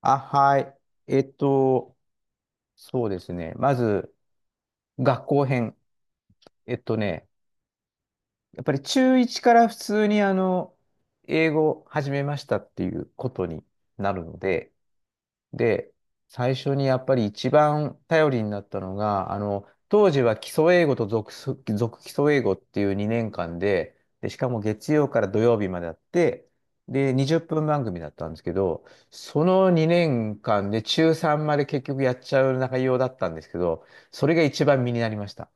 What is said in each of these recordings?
あ、はい。えっと、そうですね。まず、学校編。えっとね、やっぱり中1から普通に英語を始めましたっていうことになるので、で、最初にやっぱり一番頼りになったのが、当時は基礎英語と続基礎英語っていう2年間で、で、しかも月曜から土曜日まであって、で、20分番組だったんですけど、その2年間で中3まで結局やっちゃう内容だったんですけど、それが一番身になりました。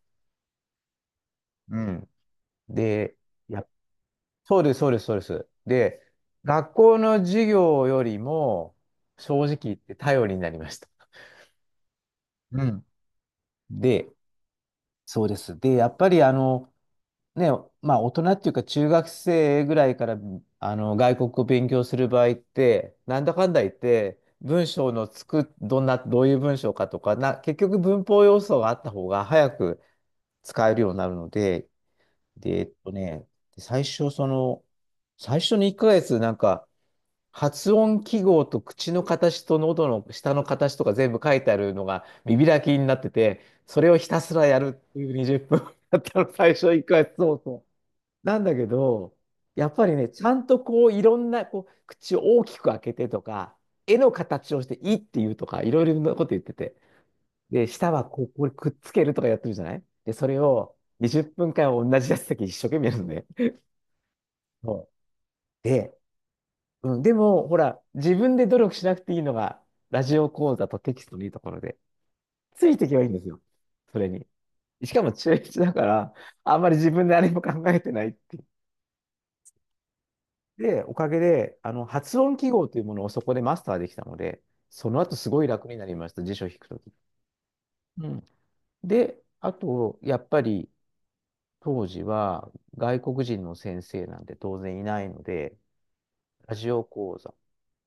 うん。で、やっ、そうです、そうです、そうです。で、学校の授業よりも、正直言って頼りになりました。うん。で、そうです。で、やっぱりね、まあ大人っていうか中学生ぐらいから外国語勉強する場合って、なんだかんだ言って、文章のつく、どんな、どういう文章かとか、結局文法要素があった方が早く使えるようになるので、で、最初その、最初の1ヶ月なんか、発音記号と口の形と喉の下の形とか全部書いてあるのが見開きになってて、それをひたすらやるっていう20分だったの、最初1回。そうそう。なんだけど、やっぱりね、ちゃんとこういろんなこう口を大きく開けてとか、絵の形をしていいっていうとか、いろいろなこと言ってて。で、舌はこう、これくっつけるとかやってるじゃないで、それを20分間同じやつだけ一生懸命やるのね。そう。で、うん、でも、ほら、自分で努力しなくていいのが、ラジオ講座とテキストのいいところで、ついていけばいいんですよ。それに。しかも中1だから、あんまり自分で何も考えてないっていう。で、おかげで、発音記号というものをそこでマスターできたので、その後すごい楽になりました、辞書を引くとき。うん。で、あと、やっぱり、当時は外国人の先生なんて当然いないので、ラジオ講座。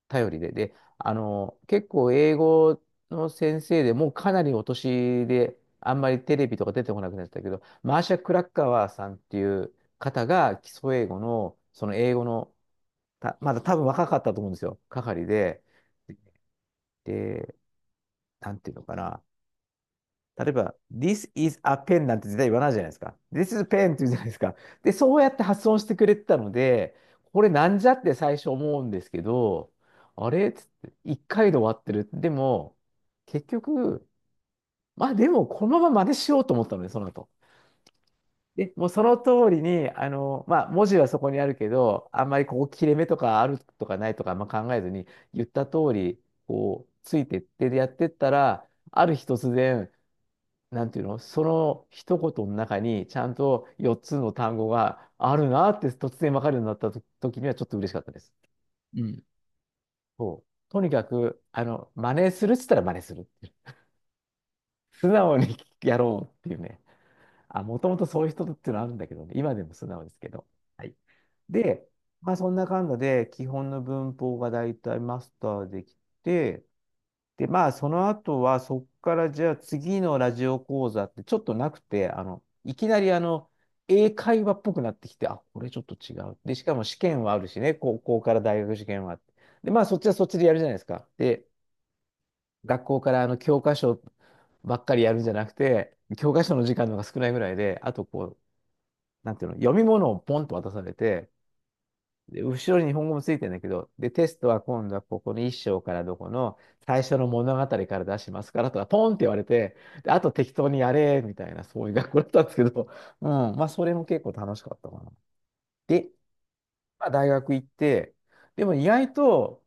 頼りで。で、結構英語の先生でもうかなりお年で、あんまりテレビとか出てこなくなっちゃったけど、マーシャ・クラッカワーさんっていう方が基礎英語の、その英語の、たまだ多分若かったと思うんですよ、係で、で、なんていうのかな、例えば、This is a pen なんて絶対言わないじゃないですか。This is pen って言うじゃないですか。で、そうやって発音してくれてたので、これなんじゃって最初思うんですけど、あれつって一回で終わってる。でも、結局、まあでも、このまま真似しようと思ったので、その後。で、もうその通りに、まあ文字はそこにあるけど、あんまりここ切れ目とかあるとかないとかあんま考えずに、言った通り、こう、ついてってやってったら、ある日突然、なんていうの、その一言の中にちゃんと4つの単語があるなって突然わかるようになったと時にはちょっと嬉しかったです。うん。そう。とにかく、真似するっつったら真似するっていう。素直にやろうっていうね。あ、もともとそういう人っていうのはあるんだけどね。今でも素直ですけど。はい。で、まあそんな感じで基本の文法がだいたいマスターできて、で、まあ、その後は、そこからじゃあ次のラジオ講座ってちょっとなくて、いきなり英会話っぽくなってきて、あ、これちょっと違う。で、しかも試験はあるしね、高校から大学試験はで、まあ、そっちはそっちでやるじゃないですか。で、学校から教科書ばっかりやるんじゃなくて、教科書の時間の方が少ないぐらいで、あとこう、なんていうの、読み物をポンと渡されて、で、後ろに日本語もついてるんだけど、で、テストは今度はここの一章からどこの最初の物語から出しますからとか、ポンって言われて、で、あと適当にやれ、みたいな、そういう学校だったんですけど、うん、まあ、それも結構楽しかったかな。で、まあ、大学行って、でも意外と、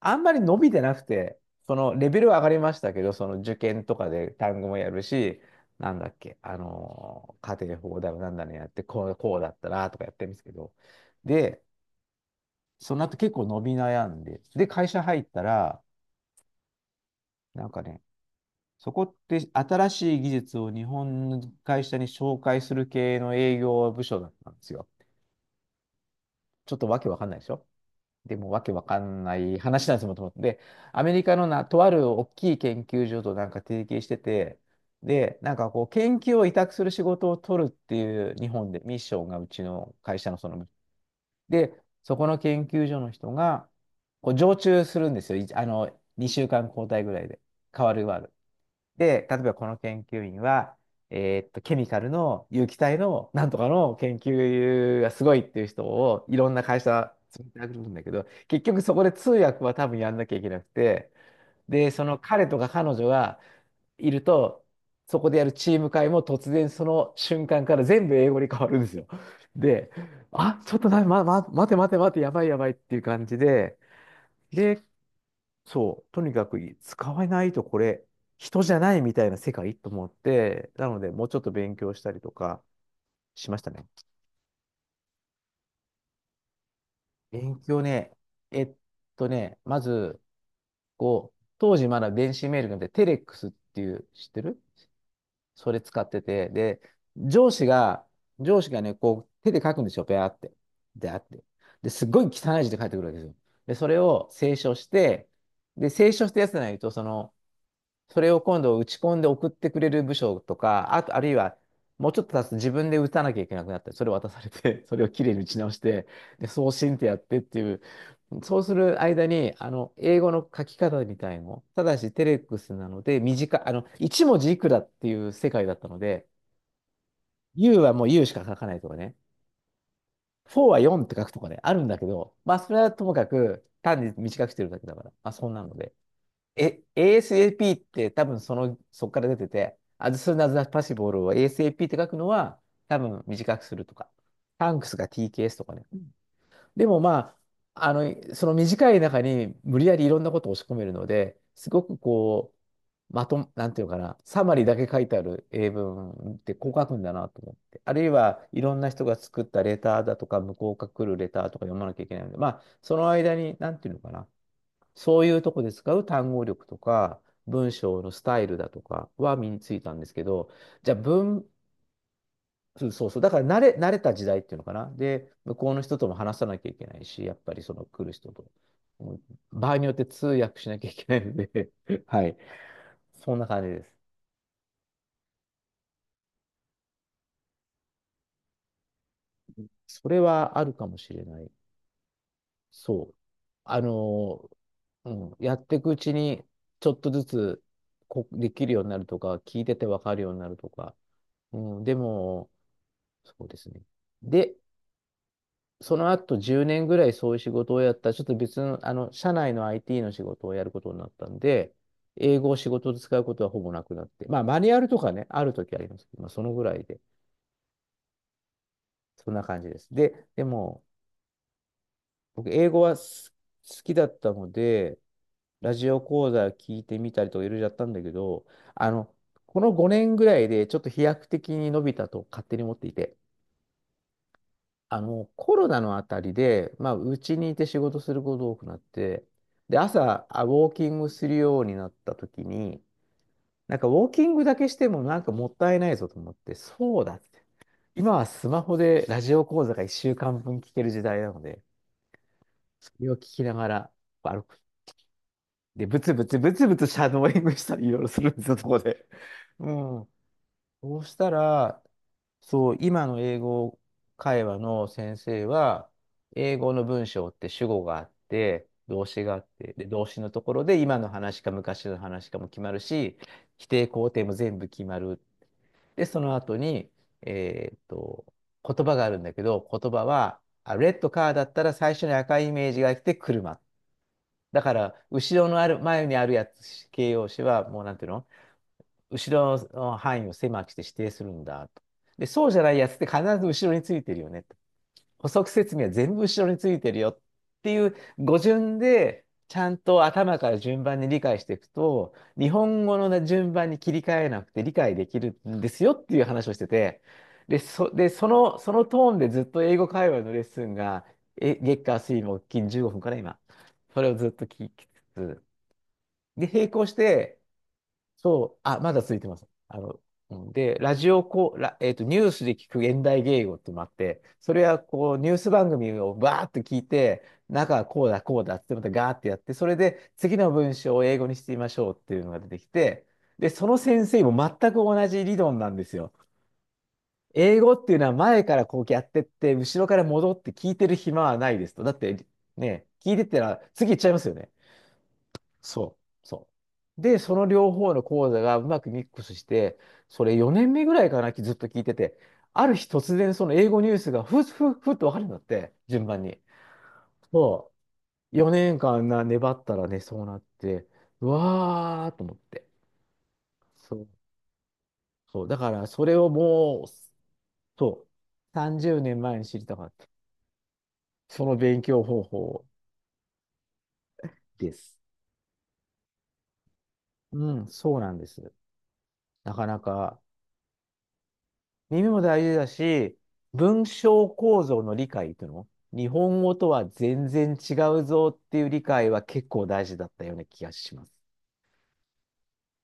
あんまり伸びてなくて、そのレベルは上がりましたけど、その受験とかで単語もやるし、なんだっけ、家庭法だろ、なんだねやって、こう、こうだったなとかやってるんですけど、で、その後結構伸び悩んで、で、会社入ったら、なんかね、そこって新しい技術を日本の会社に紹介する系の営業部署だったんですよ。ちょっとわけわかんないでしょでもわけわかんない話なんですもんと思って。で、アメリカのな、とある大きい研究所となんか提携してて、で、なんかこう、研究を委託する仕事を取るっていう日本でミッションがうちの会社のそので、そこの研究所の人が、こう常駐するんですよ。いあの、2週間交代ぐらいで。変わる変わる。で、例えばこの研究員は、ケミカルの有機体のなんとかの研究がすごいっていう人をいろんな会社連れてくるんだけど、結局そこで通訳は多分やんなきゃいけなくて、で、その彼とか彼女はいると、そこでやるチーム会も突然その瞬間から全部英語に変わるんですよ。で、あ、ちょっとな、待て待て待て、やばいやばいっていう感じで、で、そう、とにかく使わないとこれ、人じゃないみたいな世界と思って、なので、もうちょっと勉強したりとかしましたね。勉強ね、えっまず、こう、当時まだ電子メールがなくて、テレックスっていう、知ってるそれ使ってて、で、上司が、上司がね、こう、手で書くんですよ、ペアって。で、あって。で、すっごい汚い字で書いてくるわけですよ。で、それを清書して、で、清書したやつじゃないと、その、それを今度打ち込んで送ってくれる部署とか、あと、あるいは、もうちょっと経つと自分で打たなきゃいけなくなって、それを渡されて、それをきれいに打ち直して、で、送信ってやってっていう、そうする間に、英語の書き方みたいの、ただしテレックスなので、短い、1文字いくらっていう世界だったので、U はもう U しか書かないとかね、4は4って書くとかね、あるんだけど、まあ、それはともかく、単に短くしてるだけだから、まあ、そんなので。え、ASAP って多分その、そこから出てて、as soon as possible を ASAP って書くのは多分短くするとか、thanks が TKS とかね。うん。でもまあ、その短い中に無理やりいろんなことを押し込めるので、すごくこう、なんていうのかな、サマリーだけ書いてある英文ってこう書くんだなと思って。あるいはいろんな人が作ったレターだとか、向こうから来るレターとか読まなきゃいけないので、まあ、その間に、なんていうのかな、そういうとこで使う単語力とか、文章のスタイルだとかは身についたんですけど、じゃあ文、そうそうそう、だから慣れた時代っていうのかな。で、向こうの人とも話さなきゃいけないし、やっぱりその来る人と。もう場合によって通訳しなきゃいけないので はい。そんな感じです。それはあるかもしれない。そう。あの、うん、やっていくうちに、ちょっとずつできるようになるとか、聞いててわかるようになるとか。うん、でも、そうですね。で、その後10年ぐらいそういう仕事をやったら、ちょっと別の、社内の IT の仕事をやることになったんで、英語を仕事で使うことはほぼなくなって、まあ、マニュアルとかね、ある時ありますけど、まあ、そのぐらいで、そんな感じです。で、でも、僕、英語は好きだったので、ラジオ講座聞いてみたりとかいろいろやったんだけど、あの、この5年ぐらいでちょっと飛躍的に伸びたと勝手に思っていて、コロナのあたりで、まあ、うちにいて仕事することが多くなって、で、朝、ウォーキングするようになった時に、なんかウォーキングだけしてもなんかもったいないぞと思って、そうだって。今はスマホでラジオ講座が1週間分聞ける時代なので、それを聞きながら歩く。で、ブツブツブツブツシャドーイングしたりいろいろするんですよ、そこで。うん。そうしたら、そう、今の英語会話の先生は、英語の文章って主語があって、動詞があって、で、動詞のところで今の話か昔の話かも決まるし、否定肯定も全部決まる。で、その後に、えーっと、言葉があるんだけど、言葉は、あ、レッドカーだったら最初に赤いイメージが来て車。だから、後ろのある、前にあるやつ、形容詞は、もうなんていうの、後ろの範囲を狭くして指定するんだと。で、そうじゃないやつって必ず後ろについてるよねと。補足説明は全部後ろについてるよっていう語順で、ちゃんと頭から順番に理解していくと、日本語の順番に切り替えなくて理解できるんですよっていう話をしてて、で、そのトーンでずっと英語会話のレッスンが、月火水木金15分から今、それをずっと聞きつつ、で、並行して、そう、あ、まだ続いてます。うんで、ラジオこう、ニュースで聞く現代芸語ってのもあって、それはこう、ニュース番組をバーッと聞いて、中はこうだ、こうだってまたガーってやって、それで次の文章を英語にしてみましょうっていうのが出てきて、で、その先生も全く同じ理論なんですよ。英語っていうのは前からこうやってって、後ろから戻って聞いてる暇はないですと。だって、ね、聞いてったら次行っちゃいますよね。そう、そう。で、その両方の講座がうまくミックスして、それ4年目ぐらいかな、ずっと聞いてて、ある日突然その英語ニュースがふっふっふっと分かるんだって、順番に。そう。4年間粘ったらね、そうなって、うわーと思って。そう。そう。だからそれをもう、そう。30年前に知りたかった。その勉強方法です。うん、そうなんです。なかなか。耳も大事だし、文章構造の理解っていうの日本語とは全然違うぞっていう理解は結構大事だったような気がします。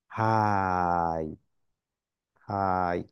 はーい。はーい。